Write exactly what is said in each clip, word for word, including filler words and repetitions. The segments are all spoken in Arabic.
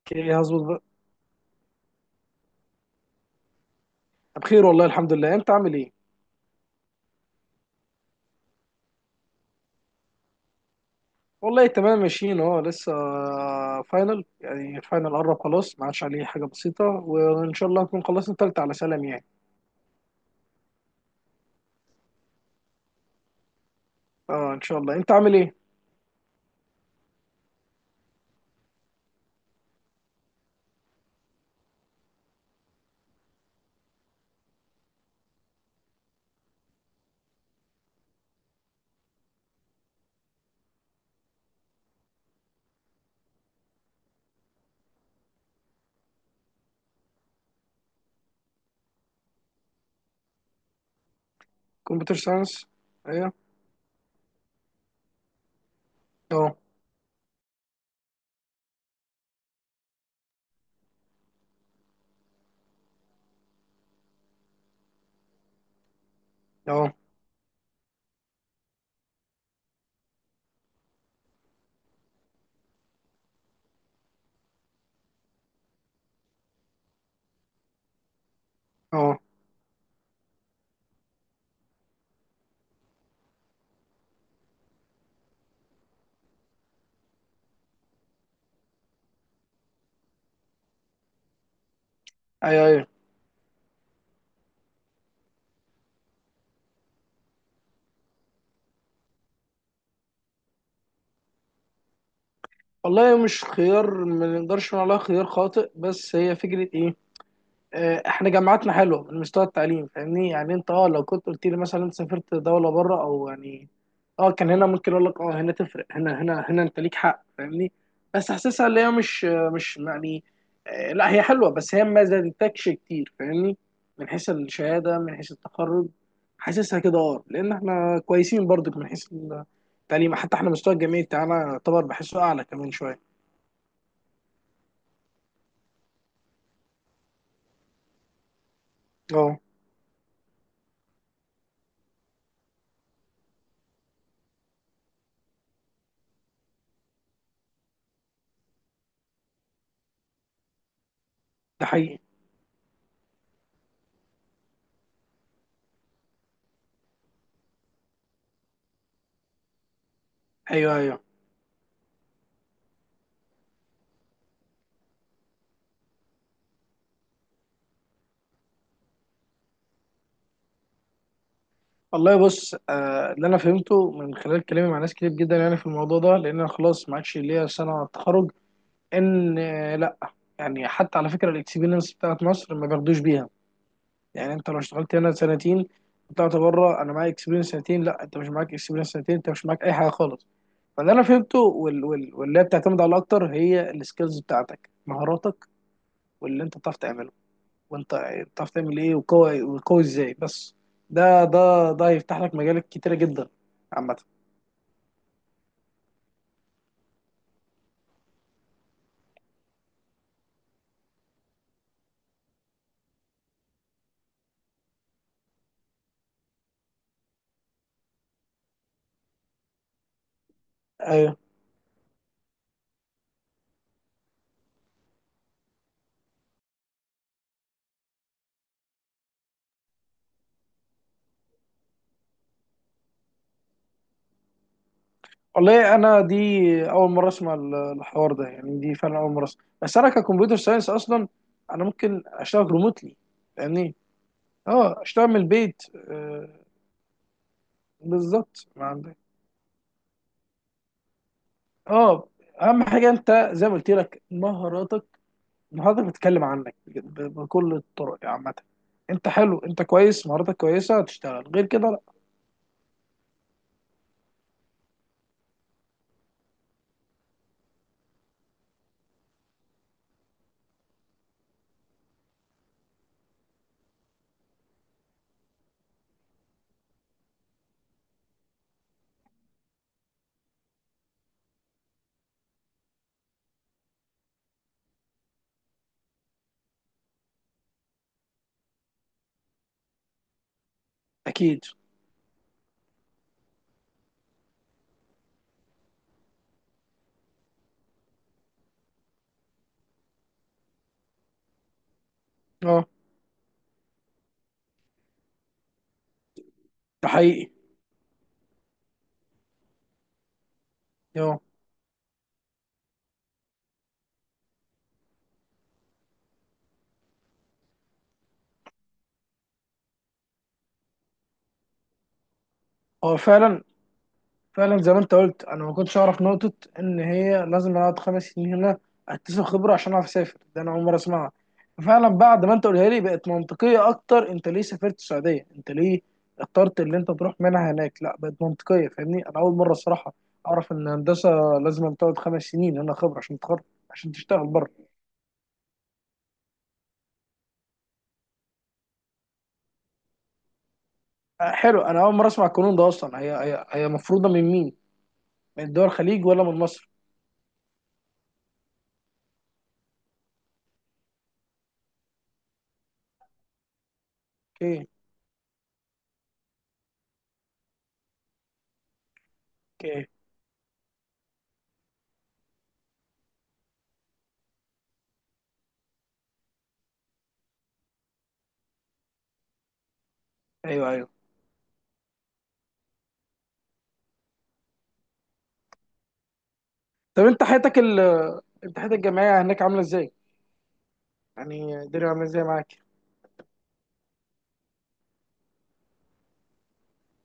اوكي، هظبط بقى. بخير والله، الحمد لله. انت عامل ايه؟ والله تمام، ماشيين اهو لسه. فاينل، يعني الفاينل قرب خلاص، ما عادش عليه حاجه بسيطه وان شاء الله نكون خلصنا التالتة على سلام يعني. اه، ان شاء الله. انت عامل ايه؟ كمبيوتر ساينس، ايوه. اه، اه، اه. ايوه، ايوه. والله مش خيار، ما نقدرش نقول عليها خيار خاطئ، بس هي فكره ايه. آه، احنا جامعاتنا حلوه من مستوى التعليم، فاهمني. يعني انت، اه لو كنت قلت لي مثلا انت سافرت دوله بره او يعني، اه كان هنا ممكن اقول لك اه هنا تفرق، هنا هنا هنا، انت ليك حق، فاهمني. بس حاسسها اللي هي مش، مش يعني، آه، لا، هي حلوه بس هي ما زادتكش كتير، فاهمني. من حيث الشهاده، من حيث التخرج. حاسسها كده، اه لان احنا كويسين برضك من حيث التعليم. حتى احنا مستوى الجامعي بتاعنا يعتبر بحسه اعلى كمان شويه. اه، ده حقيقي. ايوه، ايوه. والله، بص، آه اللي انا فهمته من خلال كلامي مع ناس كتير جدا يعني في الموضوع ده، لان انا خلاص ما عادش ليا سنه على التخرج. ان آه، يعني حتى على فكره، الاكسبيرينس بتاعت مصر ما بياخدوش بيها. يعني انت لو اشتغلت هنا سنتين، طلعت بره، انا معايا اكسبيرينس سنتين. لا، انت مش معاك اكسبيرينس سنتين، انت مش معاك اي حاجه خالص. فاللي انا فهمته وال- وال- واللي هي بتعتمد على اكتر هي السكيلز بتاعتك، مهاراتك، واللي انت بتعرف تعمله. وانت بتعرف تعمل ايه، وقوي وقوي ازاي، بس ده ده ده هيفتح لك مجالات كتيره جدا، عامه. آه، والله، انا دي اول مره اسمع ال- الحوار ده، يعني دي فعلا اول مره اسمع، بس انا ككمبيوتر ساينس اصلا انا ممكن اشتغل ريموتلي. يعني، اه، اشتغل من البيت. آه، بالظبط، ما عندك. اه اهم حاجه، انت زي ما قلت لك، مهاراتك. مهاراتك بتتكلم عنك ب- بكل الطرق، يعني عامه. انت حلو، انت كويس، مهاراتك كويسه، هتشتغل، غير كده لا. اكيد. اه، ده حقيقي. اه، هو فعلا، فعلا زي ما انت قلت، انا ما كنتش اعرف نقطه ان هي لازم اقعد خمس سنين هنا اكتسب خبره عشان اعرف اسافر، ده انا اول مره اسمعها. فعلا بعد ما انت قولها لي بقت منطقيه اكتر. انت ليه سافرت السعوديه؟ انت ليه اخترت اللي انت تروح منها هناك؟ لا، بقت منطقيه، فاهمني. انا اول مره الصراحه اعرف ان هندسه لازم تقعد خمس سنين هنا خبره عشان تتخرج، عشان تشتغل بره. آه، حلو، انا اول مره اسمع القانون ده اصلا. هي هي هي مفروضه من مين؟ من دول الخليج ولا من مصر؟ اوكي، اوكي. ايوه، ايوه. طب انت حياتك ال انت حياتك الجامعية هناك عاملة ازاي؟ يعني الدنيا عاملة ازاي معاك؟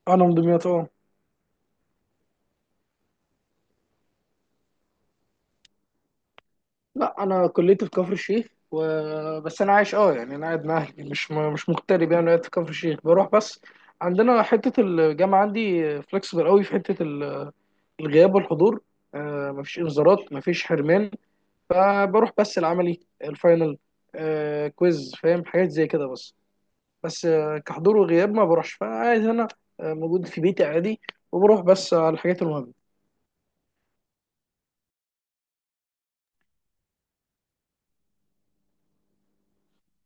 انا من دمياط، اه. لا، انا كليتي في كفر الشيخ، و بس انا عايش، اه يعني انا قاعد مع اهلي، مش م- مش مغترب، يعني قاعد في كفر الشيخ، بروح بس. عندنا حته، الجامعه عندي فلكسبل قوي في حته ال- الغياب والحضور. آه مفيش انذارات، مفيش حرمان. فبروح بس العملي، الفاينل، آه كويز، فاهم حاجات زي كده بس. بس آه، كحضور وغياب ما بروحش، فعايز انا آه، موجود في بيتي عادي، وبروح بس على الحاجات المهمه.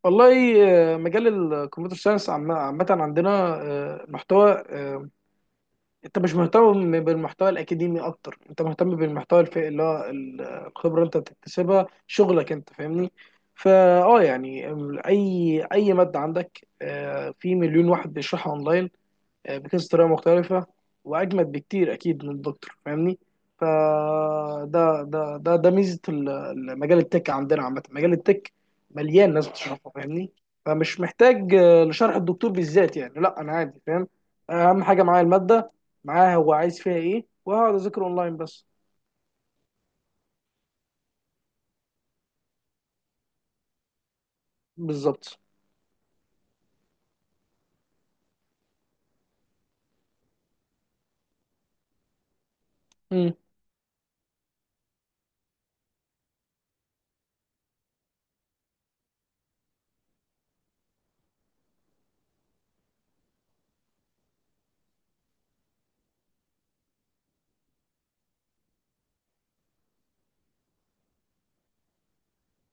والله، آه، مجال الكمبيوتر ساينس عم- عامة عندنا آه، محتوى آه، انت مش مهتم بالمحتوى الاكاديمي اكتر، انت مهتم بالمحتوى الف- اللي هو الخبرة انت بتكتسبها، شغلك، انت فاهمني. فا اه يعني، اي اي مادة عندك آه، في مليون واحد بيشرحها اونلاين، آه، بتنسى طريقه مختلفه، واجمد بكتير اكيد من الدكتور، فاهمني. فده ده ده ده ميزه ال- ال- مجال التك عندنا، عامه مجال التك مليان ناس بتشرحه، فاهمني. فمش محتاج آه، لشرح الدكتور بالذات، يعني لا، انا عادي فاهم. اهم حاجه معايا الماده، معاها هو عايز فيها ايه، وهقعد اذاكر اونلاين بس. بالظبط. امم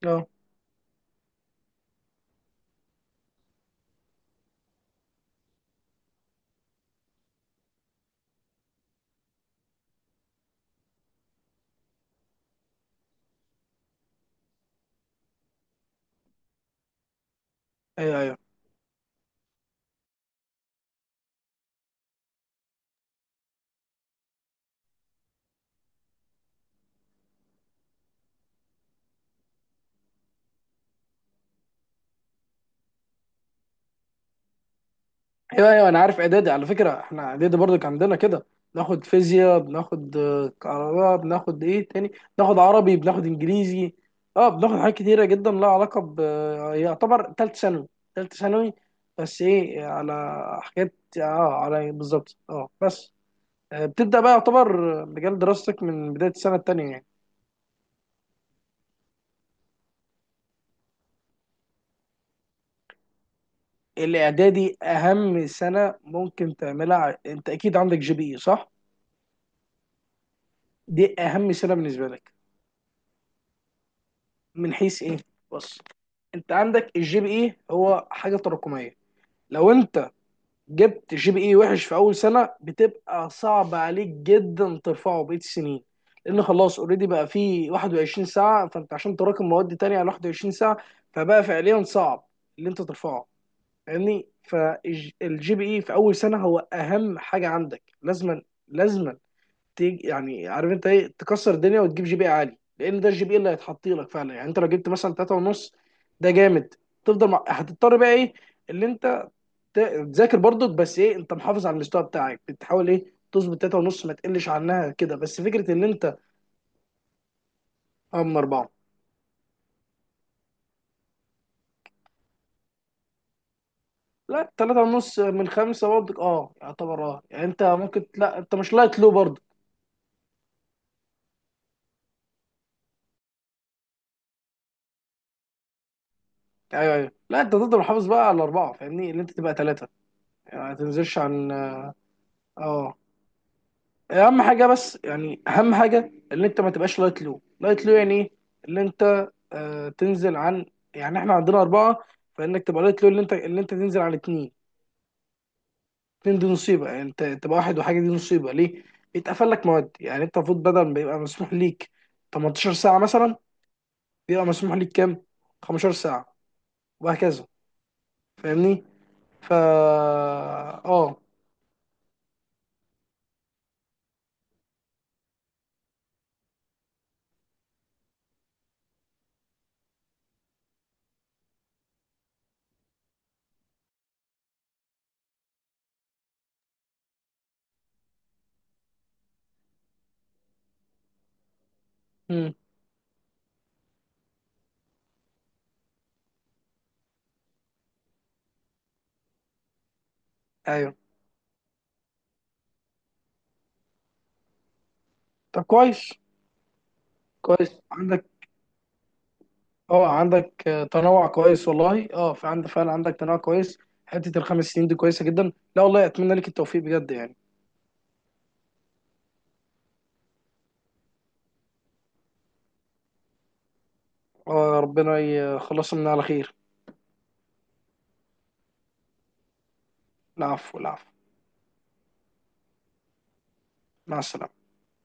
اه، ايوه، ايوه، ايوه. ايوه انا عارف اعدادي، على فكره احنا اعدادي برضو كان عندنا كده. بناخد فيزياء، بناخد آه، كهرباء، بناخد ايه تاني، بناخد عربي، بناخد انجليزي. اه بناخد حاجات كتيره جدا لها علاقه ب آه، يعتبر تالت ثانوي، تالت ثانوي، بس ايه على حاجات، اه على بالظبط، اه بس آه، بتبدا بقى يعتبر آه، مجال دراستك من بدايه السنه التانيه يعني. الاعدادي اهم سنه ممكن تعملها. ع- انت اكيد عندك جي بي اي، صح؟ دي اهم سنه بالنسبه لك. من حيث ايه؟ بص، انت عندك الجي بي اي هو حاجه تراكميه. لو انت جبت جي بي اي وحش في اول سنه، بتبقى صعب عليك جدا ترفعه بقيه السنين، لان خلاص اوريدي بقى فيه 21 ساعه، فانت عشان تراكم مواد تانية على 21 ساعه، فبقى فعليا صعب اللي انت ترفعه، فاهمني. فالجي بي اي في اول سنه هو اهم حاجه عندك، لازما، لازما تيجي، يعني عارف انت ايه، تكسر الدنيا وتجيب جي بي إيه عالي، لان ده الجي بي إيه اللي هيتحط لك فعلا. يعني انت لو جبت مثلا ثلاثه ونص، ده جامد. تفضل مع... هتضطر بقى ايه اللي انت ت- تذاكر برضك، بس ايه انت محافظ على المستوى بتاعك، بتحاول ايه تظبط ثلاثه ونص، ما تقلش عنها كده، بس فكره ان انت. اه، من اربعه. لا، ثلاثه ونص من خمسه برضك، اه يعتبر، اه يعني انت ممكن، لا انت مش لايت لو برضك. ايوه، ايوه، لا انت تفضل محافظ بقى على اربعه، فاهمني اللي انت تبقى ثلاثه، يعني ما تنزلش عن، اه، اهم حاجه، بس يعني اهم حاجه ان انت ما تبقاش لايت لو، لايت لو، يعني ايه ان انت آه تنزل عن، يعني احنا عندنا اربعه، فانك تبقى لايت لو ان انت ان انت تنزل عن اتنين. اتنين دي نصيبه، يعني انت تبقى واحد وحاجه، دي نصيبه ليه بيتقفل لك مواد. يعني انت المفروض بدل ما يبقى مسموح ليك 18 ساعه مثلا، بيبقى مسموح ليك كام، 15 ساعه، وهكذا، فاهمني. فا اه مم. ايوه. طب، كويس. كويس عندك. اه، عندك آه، تنوع كويس والله، اه في عند، فعلا عندك تنوع كويس. حته الخمس سنين دي كويسه جدا، لا والله، اتمنى لك التوفيق بجد يعني. آه، ربنا يخلصنا من على خير. العفو، العفو. مع السلامه.